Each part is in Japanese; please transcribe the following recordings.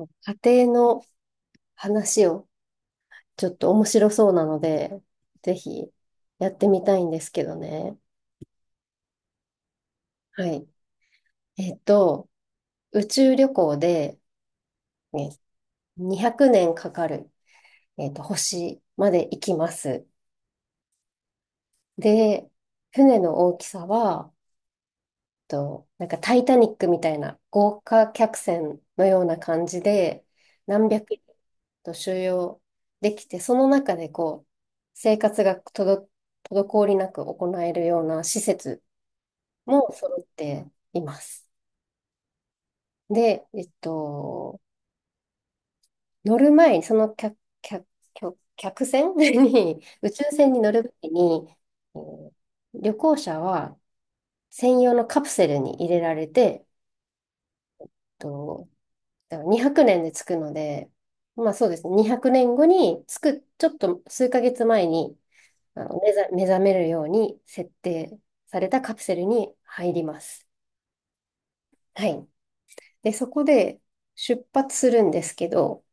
家庭の話をちょっと面白そうなので、ぜひやってみたいんですけどね。はい。えっと、宇宙旅行で、ね、200年かかる、星まで行きます。で、船の大きさはと、なんかタイタニックみたいな豪華客船のような感じで、何百人と収容できて、その中でこう、生活がとど、滞りなく行えるような施設も揃っています。で、乗る前に、客客船 に、宇宙船に乗る前に、えー旅行者は専用のカプセルに入れられて、とだから200年で着くので、まあそうですね、200年後に着く、ちょっと数ヶ月前に目覚めるように設定されたカプセルに入ります。はい。で、そこで出発するんですけど、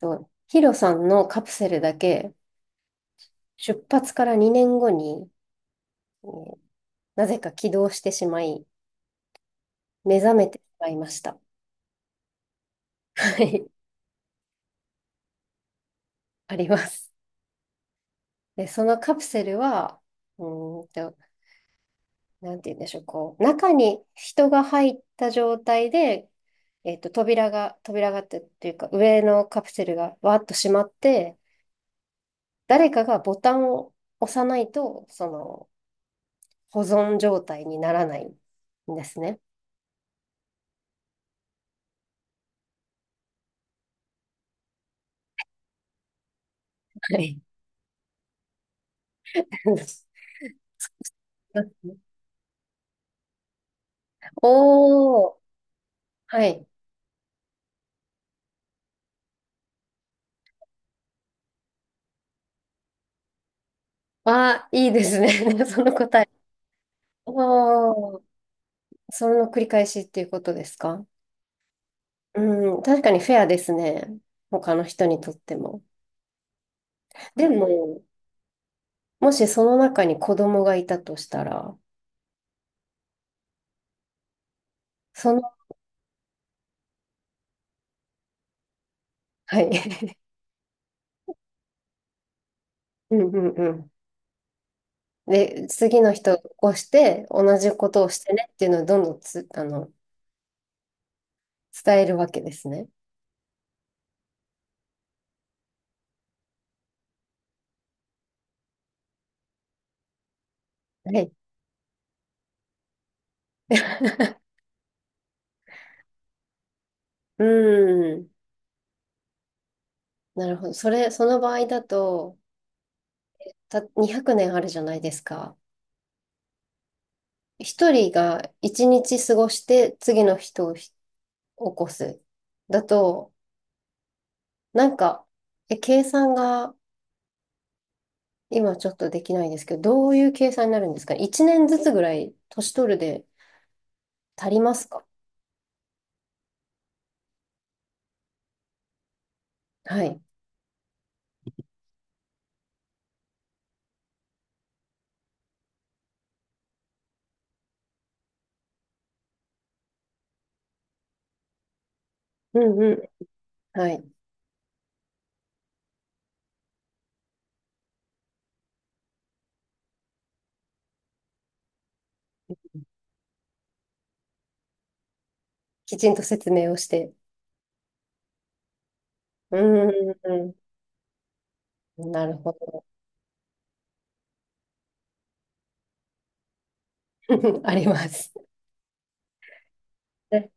とヒロさんのカプセルだけ出発から2年後に、えーなぜか起動してしまい、目覚めてしまいました。はい、あります。で、そのカプセルは、うーんとなんて言うんでしょう、こう、中に人が入った状態で、えっと、扉がってっていうか、上のカプセルがわーっと閉まって、誰かがボタンを押さないと、その、保存状態にならないんですね。はい。おー、はい。あー、いいですね。その答え。おー、その繰り返しっていうことですか？うん、確かにフェアですね。他の人にとっても。でも、もしその中に子供がいたとしたら、その、はい。うんうんうん。で、次の人を起こして、同じことをしてねっていうのをどんどんつ、あの、伝えるわけですね。はい。うん。なるほど。それ、その場合だと、た、200年あるじゃないですか。一人が一日過ごして次の人を起こす。だと、なんか、え、計算が今ちょっとできないですけど、どういう計算になるんですか？ 1 年ずつぐらい年取るで足りますか？はい。うんうん。はい。きちんと説明をして。うんうんうん。なるほど。あります。ね、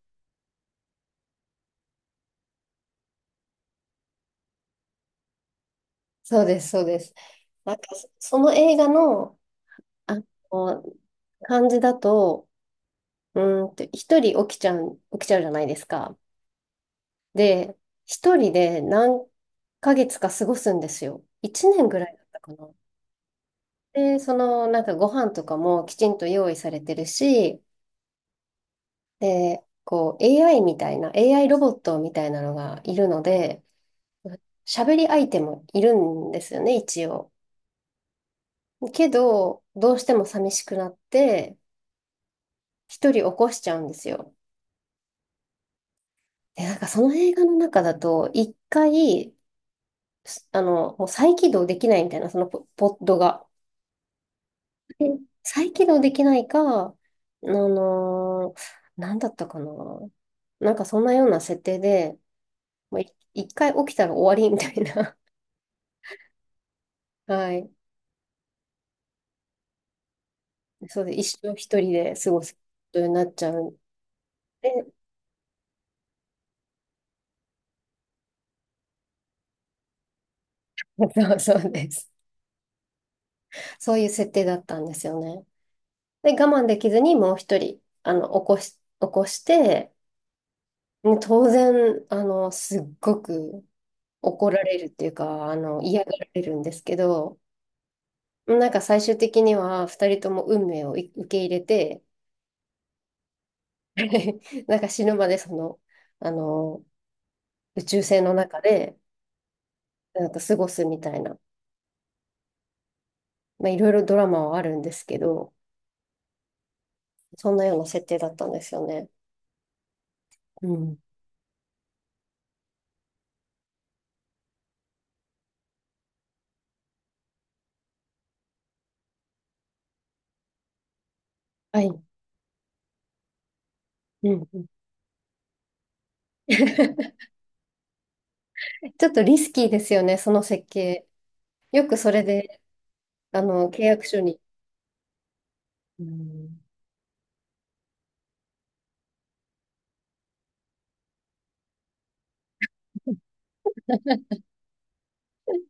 そうです、そうです。なんか、その映画の、あの、感じだと、一人起きちゃう、起きちゃうじゃないですか。で、一人で何ヶ月か過ごすんですよ。一年ぐらいだったかな。で、その、なんかご飯とかもきちんと用意されてるし、で、こう、AI みたいな、AI ロボットみたいなのがいるので、喋り相手もいるんですよね、一応。けど、どうしても寂しくなって、一人起こしちゃうんですよ。で、なんかその映画の中だと、一回、あの、もう再起動できないみたいな、ポッドが。え再起動できないか、あのーなんだったかな。なんかそんなような設定で、もう一回起きたら終わりみたいな。はい。そうで、一生一人で過ごすことになっちゃうんで、そうそうです。そういう設定だったんですよね。で、我慢できずにもう一人、あの、起こし、起こして、もう当然、あの、すっごく怒られるっていうか、あの、嫌がられるんですけど、なんか最終的には二人とも運命を受け入れて、 なんか死ぬまでその、あの、宇宙船の中でなんか過ごすみたいな、まあ、いろいろドラマはあるんですけど、そんなような設定だったんですよね。うん。はい。うんうん。 ちょっとリスキーですよね、その設計。よくそれで、あの、契約書に。うん。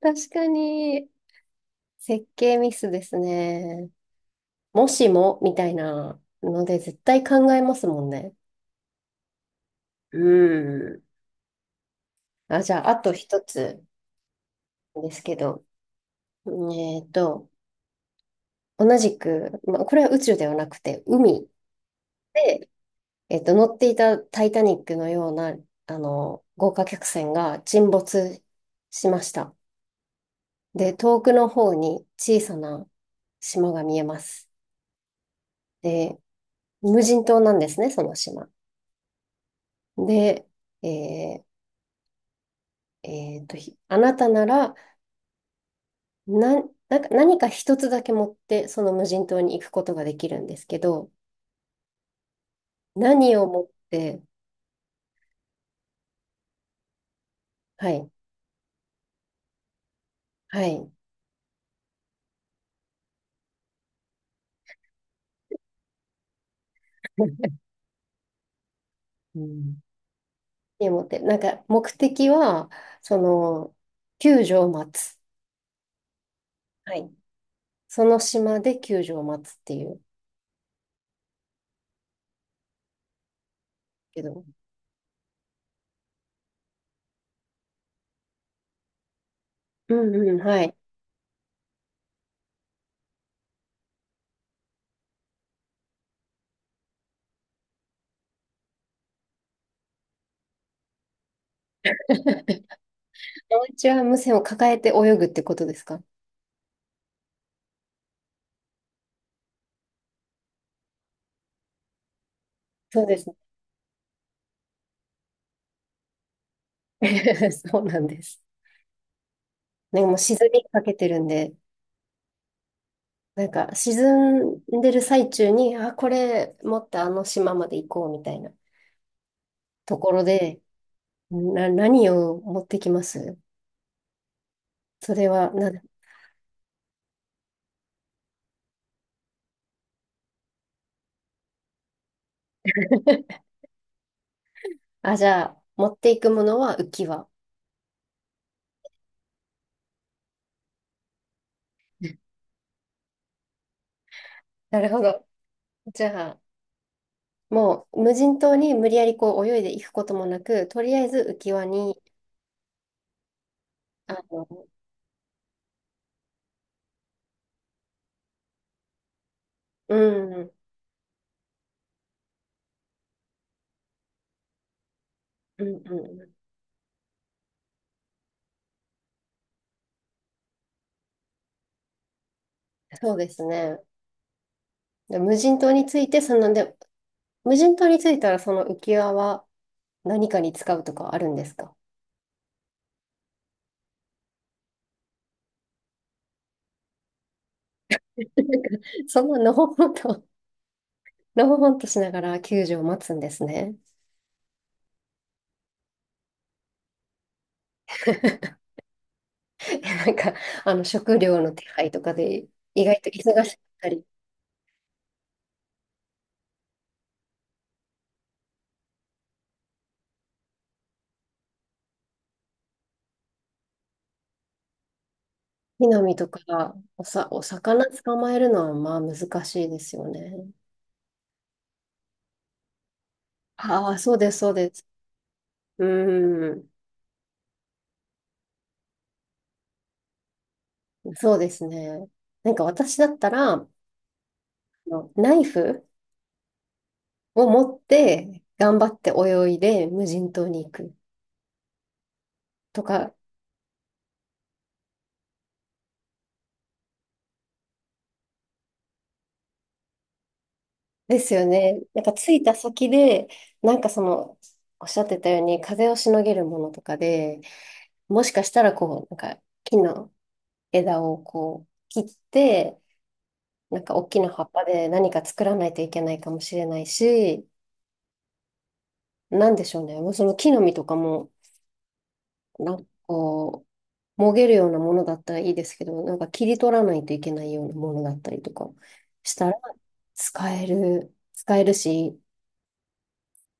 確かに、設計ミスですね。もしも、みたいなので、絶対考えますもんね。うん。あ、じゃあ、あと一つですけど、えっと、同じく、まあ、これは宇宙ではなくて、海で、乗っていたタイタニックのような、あの、豪華客船が沈没しました。で、遠くの方に小さな島が見えます。で、無人島なんですね、その島。で、えあなたなら、な、なんか何か一つだけ持って、その無人島に行くことができるんですけど、何を持って、はい、はい。うん。何を持って、なんか目的は、その、救助を待つ。はい。その島で救助を待つっていう。けど、うんうん、はい。お家は無線を抱えて泳ぐってことですか？そうですね。そうなんです。ね、もう沈みかけてるんで、なんか沈んでる最中に、あ、これ持ってあの島まで行こうみたいなところで、何を持ってきますそれは、あ、じゃあ、持っていくものは浮き輪。なるほど。じゃあ、もう無人島に無理やりこう泳いでいくこともなく、とりあえず浮き輪に、あの、うん、うん、うん、うん。そうですね。で、無人島についたらその浮き輪は何かに使うとかあるんですか？なんか、そんなのほほんと、のほほんとしながら救助を待つんですね。なんか、あの、食料の手配とかで意外と忙しかったり、木の実とかおさ、お魚捕まえるのはまあ難しいですよね。ああ、そうです、そうです。うーん、そうですね。なんか私だったら、あのナイフを持って頑張って泳いで無人島に行くとかですよね。なんか着いた先で、なんかその、おっしゃってたように、風をしのげるものとかで、もしかしたらこう、なんか木の枝をこう切って、なんか大きな葉っぱで何か作らないといけないかもしれないし、なんでしょうね。もうその木の実とかも、なんかこう、もげるようなものだったらいいですけど、なんか切り取らないといけないようなものだったりとかしたら、使えるし、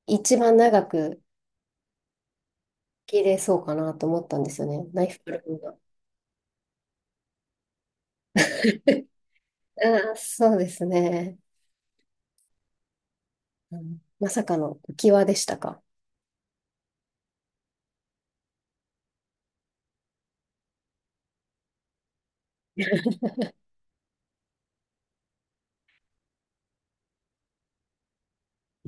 一番長く、切れそうかなと思ったんですよね。ナイフプランが。あー、そうですね。うん。まさかの浮き輪でしたか。